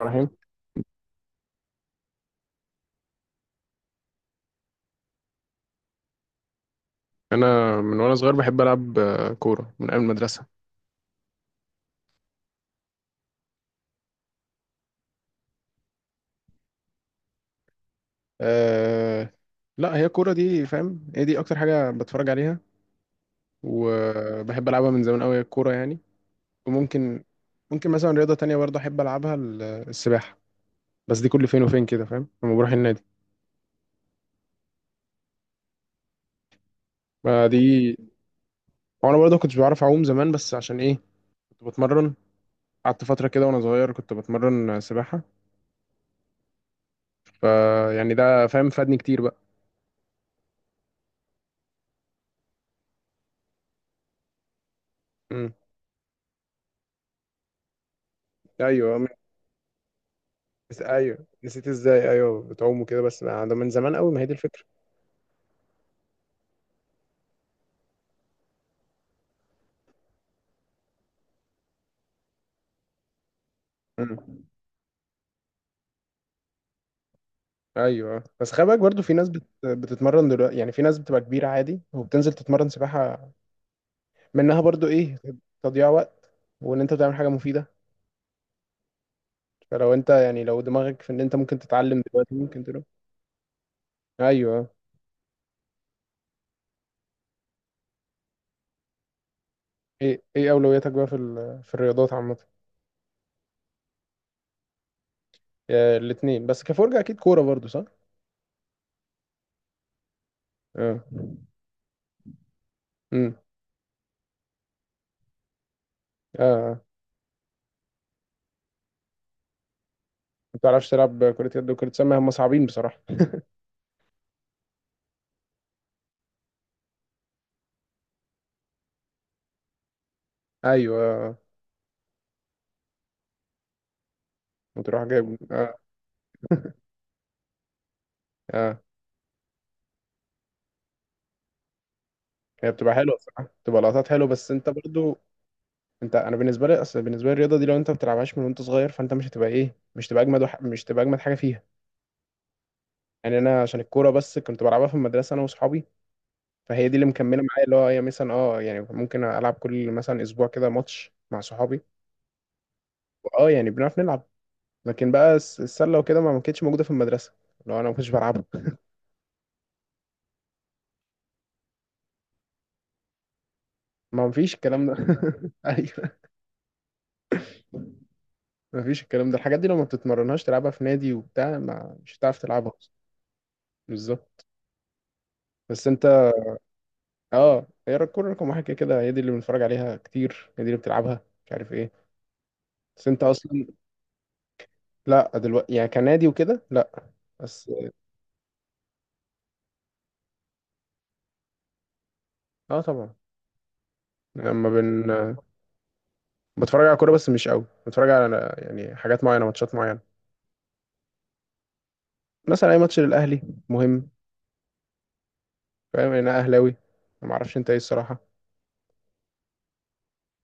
ابراهيم. انا من وانا صغير بحب العب كوره من ايام المدرسه. أه. لا هي الكوره دي فاهم هي دي اكتر حاجه بتفرج عليها، وبحب العبها من زمان قوي الكوره يعني. وممكن ممكن مثلا رياضه تانية برضه احب العبها السباحه، بس دي كل فين وفين كده فاهم لما بروح النادي. ما دي. وانا برضه كنتش بعرف اعوم زمان بس عشان ايه، كنت بتمرن، قعدت فتره كده وانا صغير كنت بتمرن سباحه، فيعني ده فاهم فادني كتير بقى. مم. ايوه. بس ايوه نسيت ازاي ايوه بتعوم وكده بس ما ده من زمان قوي ما هي دي الفكره. مم. ايوه بس خلي بالك برضه في ناس بتتمرن دلوقتي، يعني في ناس بتبقى كبيره عادي وبتنزل تتمرن سباحه، منها برضه ايه، تضييع وقت وان انت بتعمل حاجه مفيده، فلو انت يعني لو دماغك في ان انت ممكن تتعلم دلوقتي ممكن تروح. ايوه. ايه ايه اولوياتك بقى في الرياضات عامه؟ آه، الاتنين بس كفرجه اكيد كوره برضه صح. اه. امم. اه. آه. ما بتعرفش تلعب كره يد وكره سله، هم صعبين بصراحه. ايوه وتروح جايب اه. اه هي بتبقى حلوه بصراحه بتبقى لقطات حلوه بس انت برضو. انا بالنسبه لي اصل بالنسبه لي الرياضه دي لو انت ما بتلعبهاش من وانت صغير فانت مش هتبقى ايه، مش تبقى اجمد مش تبقى اجمد حاجه فيها. يعني انا عشان الكوره بس كنت بلعبها في المدرسه انا واصحابي، فهي دي اللي مكمله معايا اللي هو هي مثلا اه يعني ممكن العب كل مثلا اسبوع كده ماتش مع صحابي. اه يعني بنعرف نلعب. لكن بقى السله وكده ما كانتش موجوده في المدرسه لو انا ما كنتش بلعبها. ما فيش الكلام ده. ايوه. مفيش الكلام ده الحاجات دي لو ما بتتمرنهاش تلعبها في نادي وبتاع ما مش هتعرف تلعبها أصلاً. بالظبط. بس انت. اه هي الكورة رقم واحد كده كده، هي دي اللي بنتفرج عليها كتير، هي دي اللي بتلعبها مش عارف ايه. بس انت اصلا. لا دلوقتي يعني كنادي وكده لا. بس اه طبعا. لما بن بتفرج على كورة بس مش قوي، بتفرج على يعني حاجات معينة ماتشات معينة. مثلا اي ماتش للاهلي مهم، فاهم، انا اهلاوي، ما اعرفش انت ايه الصراحة.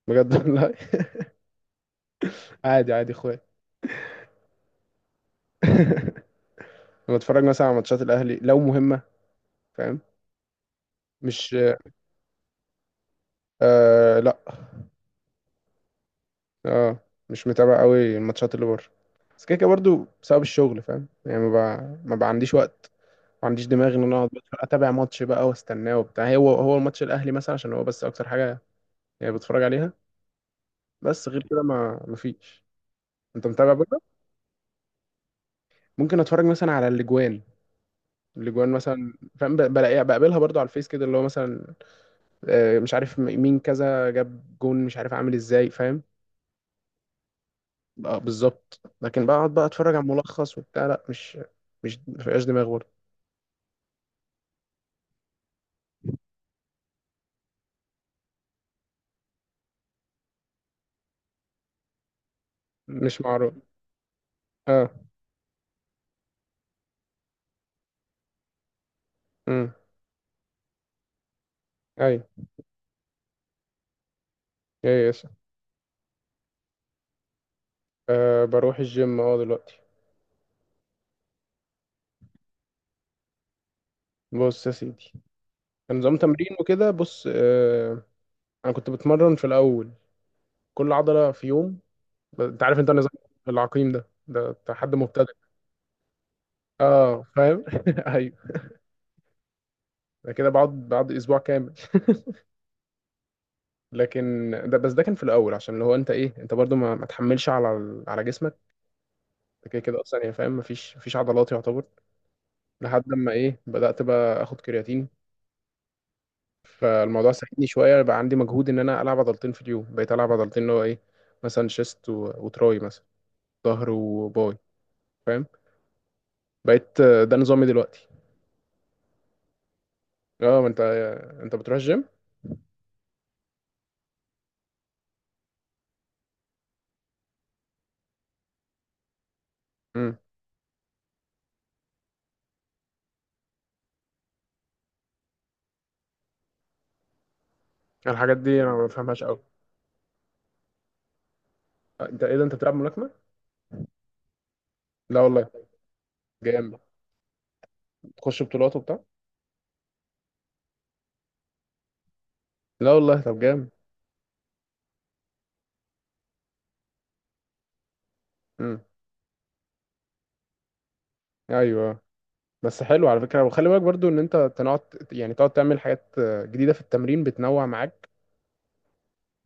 بجد والله. عادي عادي اخويا. لما اتفرج مثلا على ماتشات الاهلي لو مهمة، فاهم. مش. آه لا. اه مش متابع قوي الماتشات اللي بره، بس كده كده برضو بسبب الشغل فاهم يعني ما بقى ما بقى عنديش وقت، ما عنديش دماغ ان انا اقعد اتابع ماتش بقى واستناه وبتاع، هو الماتش الاهلي مثلا عشان هو بس اكتر حاجه يعني بتفرج عليها. بس غير كده ما فيش. انت متابع بقى. ممكن اتفرج مثلا على الاجوان، الاجوان مثلا فاهم بلاقيها بقابلها برضو على الفيس كده اللي هو مثلا آه، مش عارف م- مين كذا جاب جون مش عارف عامل ازاي فاهم. بقى بالظبط، لكن بقعد بقى اتفرج على ملخص وبتاع لا مش. مش مفيهاش دماغ برضه. مش معروف. اه. امم. ايوه ايوه يس. آه بروح الجيم اه دلوقتي. بص يا سيدي، نظام تمرين وكده بص آه. انا كنت بتمرن في الاول كل عضله في يوم، انت عارف انت نظام العقيم ده ده حد مبتدئ. اه فاهم. ايوه أنا كده بقعد اسبوع كامل. لكن ده بس ده كان في الاول عشان اللي هو انت ايه انت برضو ما تحملش على على جسمك كده كده اصلا، يعني فاهم مفيش عضلات يعتبر. لحد ما ايه بدات بقى اخد كرياتين، فالموضوع ساعدني شويه بقى عندي مجهود ان انا العب عضلتين في اليوم، بقيت العب عضلتين اللي هو ايه، مثلا وتراي مثلا، ظهر وباي فاهم. بقيت آه، ده نظامي دلوقتي. اه ما انت، انت بتروح الجيم. امم. الحاجات دي انا ما بفهمهاش قوي. انت ايه ده انت بتلعب ملاكمه؟ لا والله. جامد. تخش بطولات وبتاع. لا والله طب جامد. امم. ايوه. بس حلو على فكرة وخلي بالك برضو ان انت تقعد، يعني تقعد تعمل حاجات جديدة في التمرين بتنوع معاك،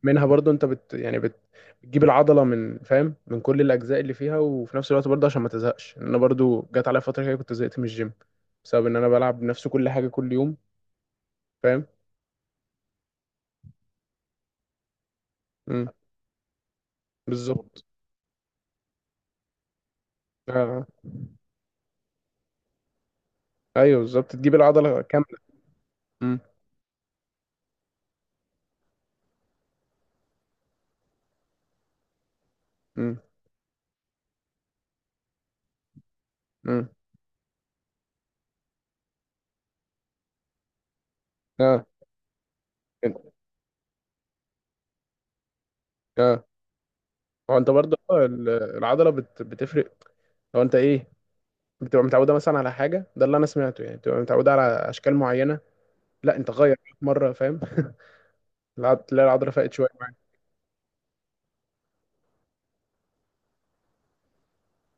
منها برضو انت بت يعني بت بتجيب العضلة من فاهم من كل الاجزاء اللي فيها، وفي نفس الوقت برضو عشان ما تزهقش، ان انا برضو جات عليا فترة كده كنت زهقت من الجيم بسبب ان انا بلعب نفس كل حاجة كل يوم فاهم. امم. بالظبط. آه. آه، ايوه بالظبط تجيب العضلة كاملة. امم. امم. امم. اه. اه هو انت برضو آه، العضلة بتفرق لو انت ايه، بتبقى متعودة مثلا على حاجة ده اللي أنا سمعته، يعني بتبقى متعودة على أشكال معينة، لا أنت غير مرة فاهم. تلاقي العضلة فاقت شوية.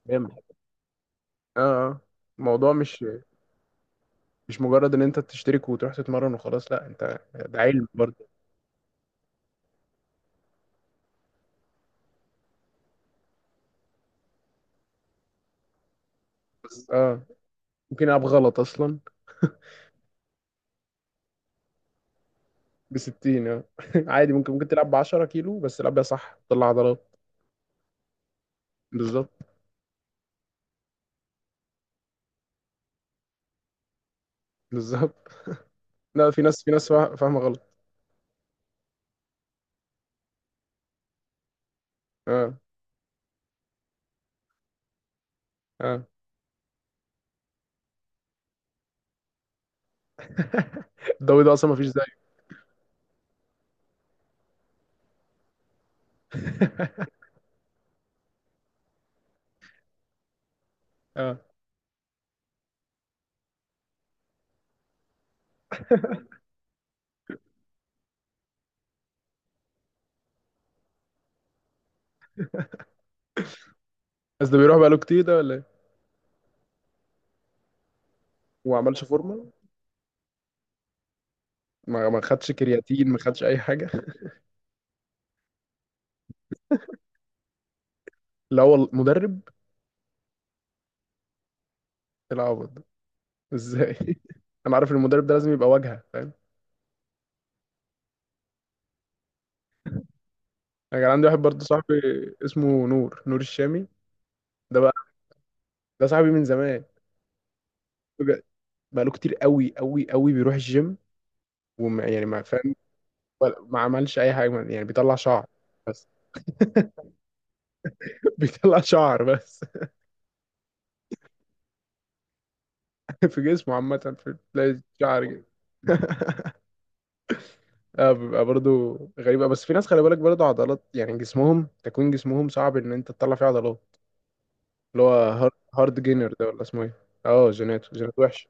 جامد. اه آه. الموضوع مش، مش مجرد ان انت تشترك وتروح تتمرن وخلاص، لا انت ده علم برضه. بس اه ممكن العب غلط اصلا. ب 60 اه. عادي ممكن ممكن تلعب ب 10 كيلو بس العب بيها صح تطلع عضلات. بالظبط. بالظبط. لا في ناس فاهمه غلط. اه. اه. الدوري ده اصلا ما فيش زيه. اه بس ده بيروح بقاله كتير ده ولا ايه؟ وما عملش فورمه ما خدش كرياتين ما خدش اي حاجه. لا هو مدرب، العوض ده ازاي. انا عارف إن المدرب ده لازم يبقى واجهه فاهم. انا كان عندي واحد برضه صاحبي اسمه نور الشامي، ده بقى ده صاحبي من زمان بجد. بقاله كتير قوي بيروح الجيم، وما يعني ما فاهم. ما عملش اي حاجه يعني بيطلع شعر بس. بيطلع شعر بس. في جسمه عامه في تلاقي شعر كده. اه بيبقى برضه غريبة، بس في ناس خلي بالك برضه عضلات يعني جسمهم تكوين جسمهم صعب ان انت تطلع فيه عضلات، اللي هو هارد جينر ده ولا اسمه ايه. اه جينات، جينات وحش.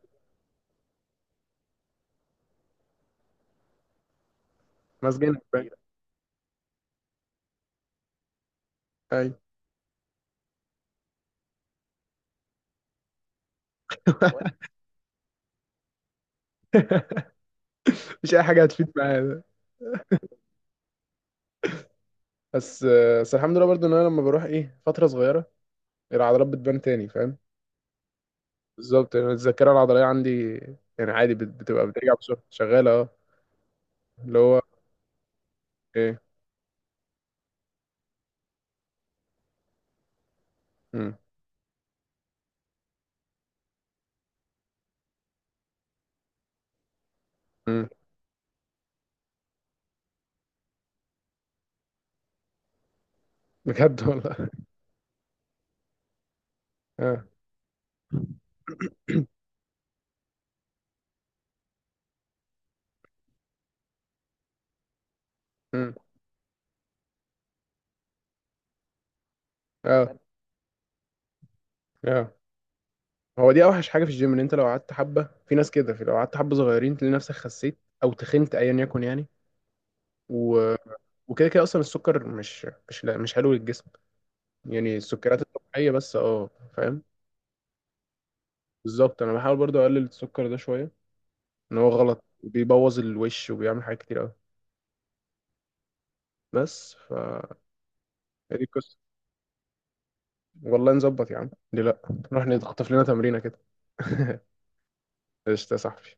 ماس جينر باين. ايوه. مش اي حاجه هتفيد معايا ده. بس، بس الحمد لله برضو ان انا لما بروح ايه فتره صغيره العضلات بتبان تاني فاهم. بالظبط يعني الذاكره العضليه عندي، يعني عادي بتبقى بترجع بسرعه شغاله اه. اللي هو ايه. مم. مم. بجد والله. اه. مم. اه. اه هو دي اوحش حاجه في الجيم ان انت لو قعدت حبه، في ناس كده في لو قعدت حبه صغيرين تلاقي نفسك خسيت او تخنت ايا يكن يعني. و... وكده كده اصلا السكر مش، لا مش حلو للجسم، يعني السكريات الطبيعيه بس اه، فاهم. بالظبط انا بحاول برضو اقلل السكر ده شويه، ان هو غلط بيبوظ الوش وبيعمل حاجات كتير قوي. بس فدي القصه. والله نظبط يا عم ليه لا، نروح نخطف لنا تمرينه كده. قشطه يا صاحبي.